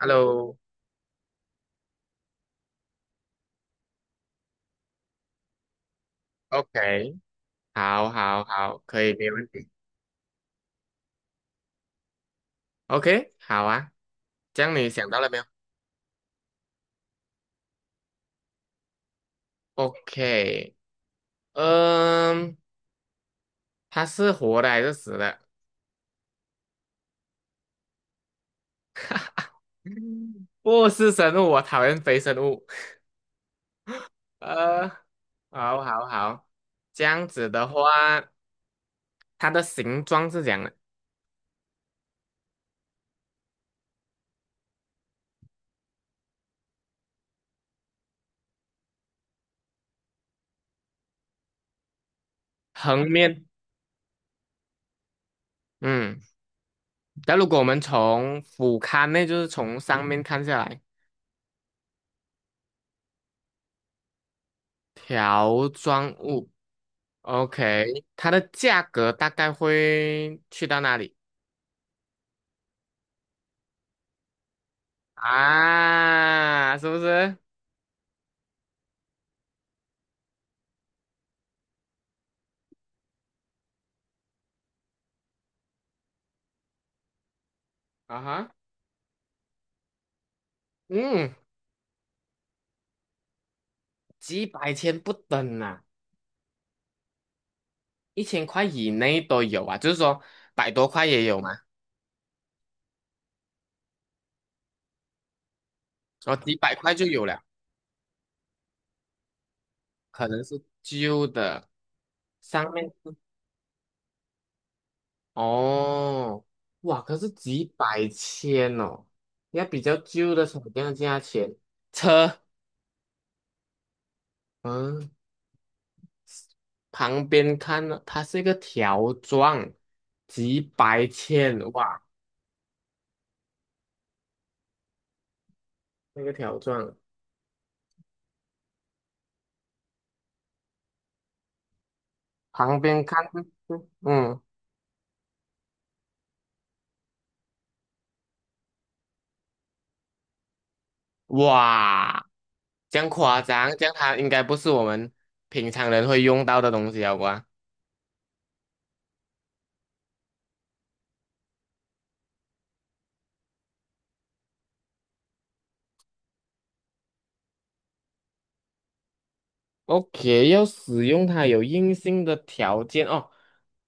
Hello，OK，好，好，好，可以，没问题。OK，好啊，这样你想到了没有？OK，嗯，它是活的还是死的？嗯不是生物，我讨厌非生物。呃，好，好，好，这样子的话，它的形状是这样的，横面，嗯，但如果我们从俯瞰呢，就是从上面看下来，条状物。OK，它的价格大概会去到哪里啊？是不是？啊哈，嗯，几百千不等啊，1000块以内都有啊，就是说100多块也有嘛，哦，几百块就有了，可能是旧的，上面是哦，哇，可是几百千哦，要比较旧的才有这样的价钱，车，嗯。旁边看呢，它是一个条状，几百千，哇，那个条状，旁边看就是哇，这样夸张，这样它应该不是我们平常人会用到的东西啊，好吧？OK，要使用它有硬性的条件哦，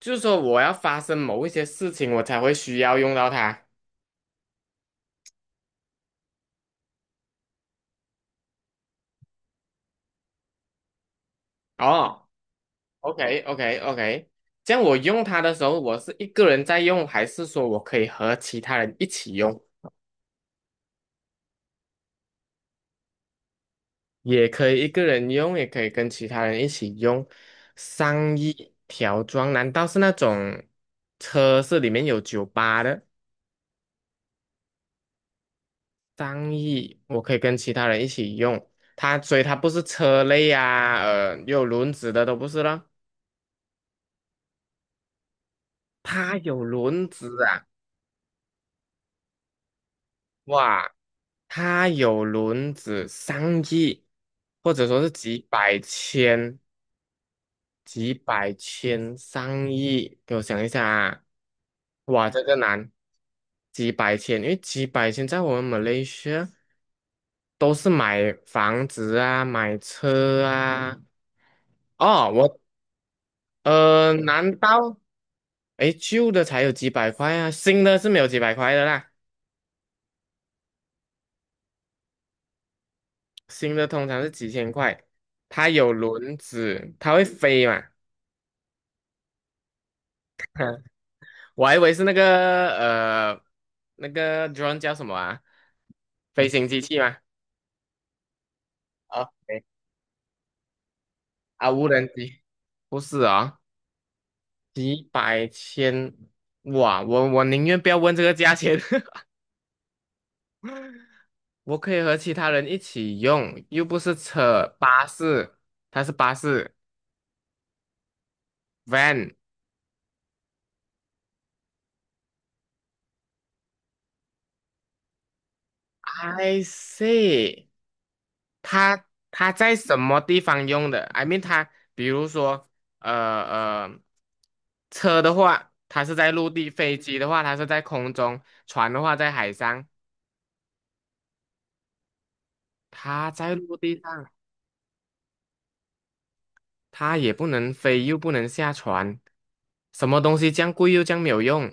就是说我要发生某一些事情，我才会需要用到它。哦。OK OK OK，这样我用它的时候，我是一个人在用，还是说我可以和其他人一起用？也可以一个人用，也可以跟其他人一起用。上衣条装，难道是那种车是里面有酒吧的？上衣我可以跟其他人一起用，所以它不是车类啊，有轮子的都不是了。它有轮子啊，哇！它有轮子上亿，或者说是几百千、几百千、上亿。给我想一下啊，哇，这个难，几百千，因为几百千在我们马来西亚都是买房子啊、买车啊。哦，难道诶旧的才有几百块啊？新的是没有几百块的啦，新的通常是几千块。它有轮子，它会飞嘛？我还以为是呃，那个 drone 叫什么啊？飞行机器吗？啊，对啊，无人机不是啊、几百千，哇，我宁愿不要问这个价钱，我可以和其他人一起用，又不是车，巴士，它是巴士，van。I see，它它在什么地方用的？I mean，它比如说，呃呃，车的话，它是在陆地；飞机的话，它是在空中；船的话，在海上。它在陆地上，它也不能飞，又不能下船，什么东西这样贵又这样没有用？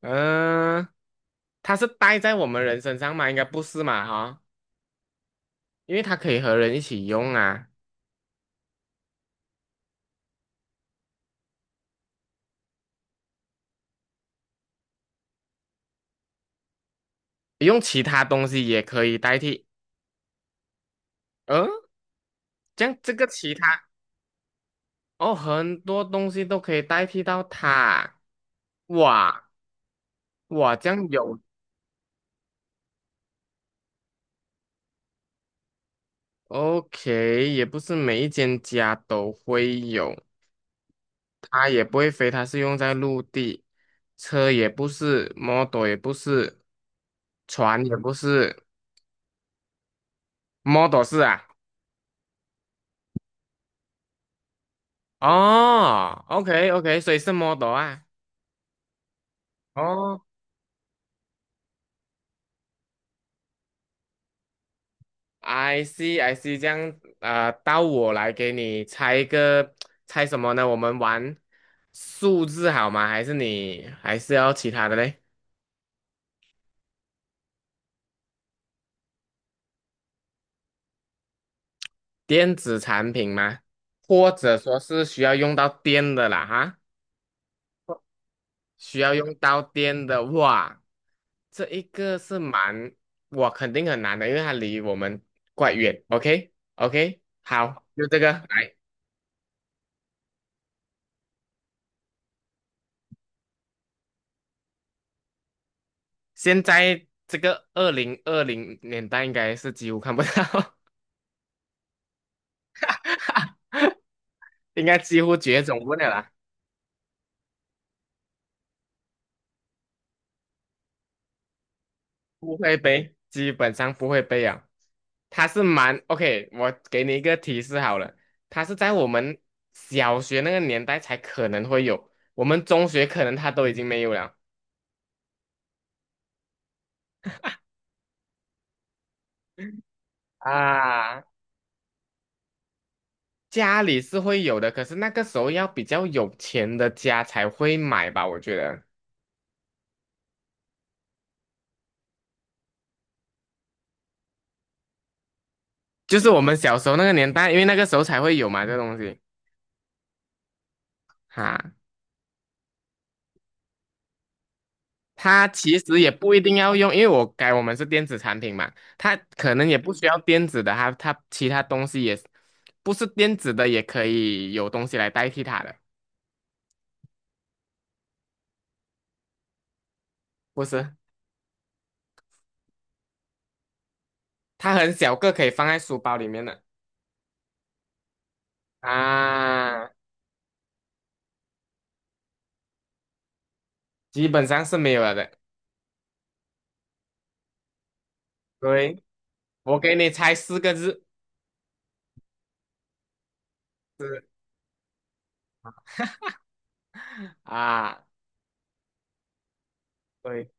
嗯、它是戴在我们人身上吗？应该不是嘛，哈，因为它可以和人一起用啊，用其他东西也可以代替。嗯、这样这个其他。哦，很多东西都可以代替到它。哇哇，这样有 OK，也不是每一间家都会有。它也不会飞，它是用在陆地，车也不是，model 也不是，船也不是，model 是啊。哦，OK OK，所以是 model 啊。哦 I see, I see，这样啊，到我来给你猜一个，猜什么呢？我们玩数字好吗？还是你还是要其他的嘞？电子产品吗？或者说是需要用到电的啦，哈，需要用到电的，话，这一个是蛮，我肯定很难的，因为它离我们怪远。OK，OK，好，就这个来。现在这个2020年代应该是几乎看不到。应该几乎绝种不了啦，不会背，基本上不会背啊。它是蛮 OK，我给你一个提示好了，它是在我们小学那个年代才可能会有，我们中学可能它都已经没有了啊。家里是会有的，可是那个时候要比较有钱的家才会买吧，我觉得，就是我们小时候那个年代，因为那个时候才会有嘛，这东西哈。它其实也不一定要用，因为我改我们是电子产品嘛，它可能也不需要电子的，它其他东西也不是电子的，也可以有东西来代替它的，不是？它很小个，可以放在书包里面的啊，基本上是没有了的。对，我给你猜四个字，是啊，对，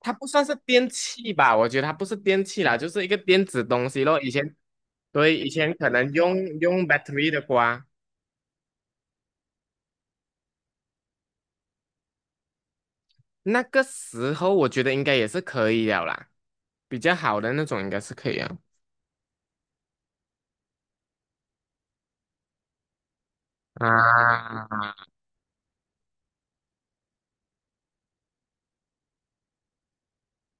它不算是电器吧？我觉得它不是电器啦，就是一个电子东西咯。以前对，以前可能用用 battery 的瓜。那个时候我觉得应该也是可以了啦，比较好的那种应该是可以啊。啊，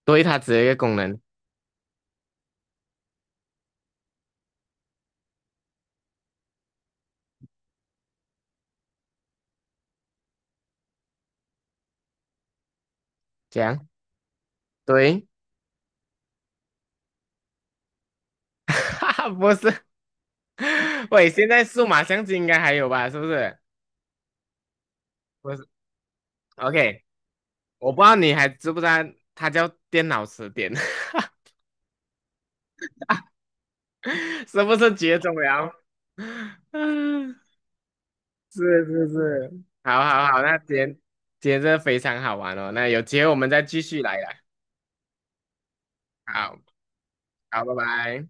对，它只有一个功能，这样对，哈哈，不是，喂，现在数码相机应该还有吧？是不是？不是，OK，我不知道你还知不知道，它叫电脑词典，是不是绝种了？嗯，是是是，好好好，那今天真的非常好玩哦，那有机会我们再继续来啦。好好，拜拜。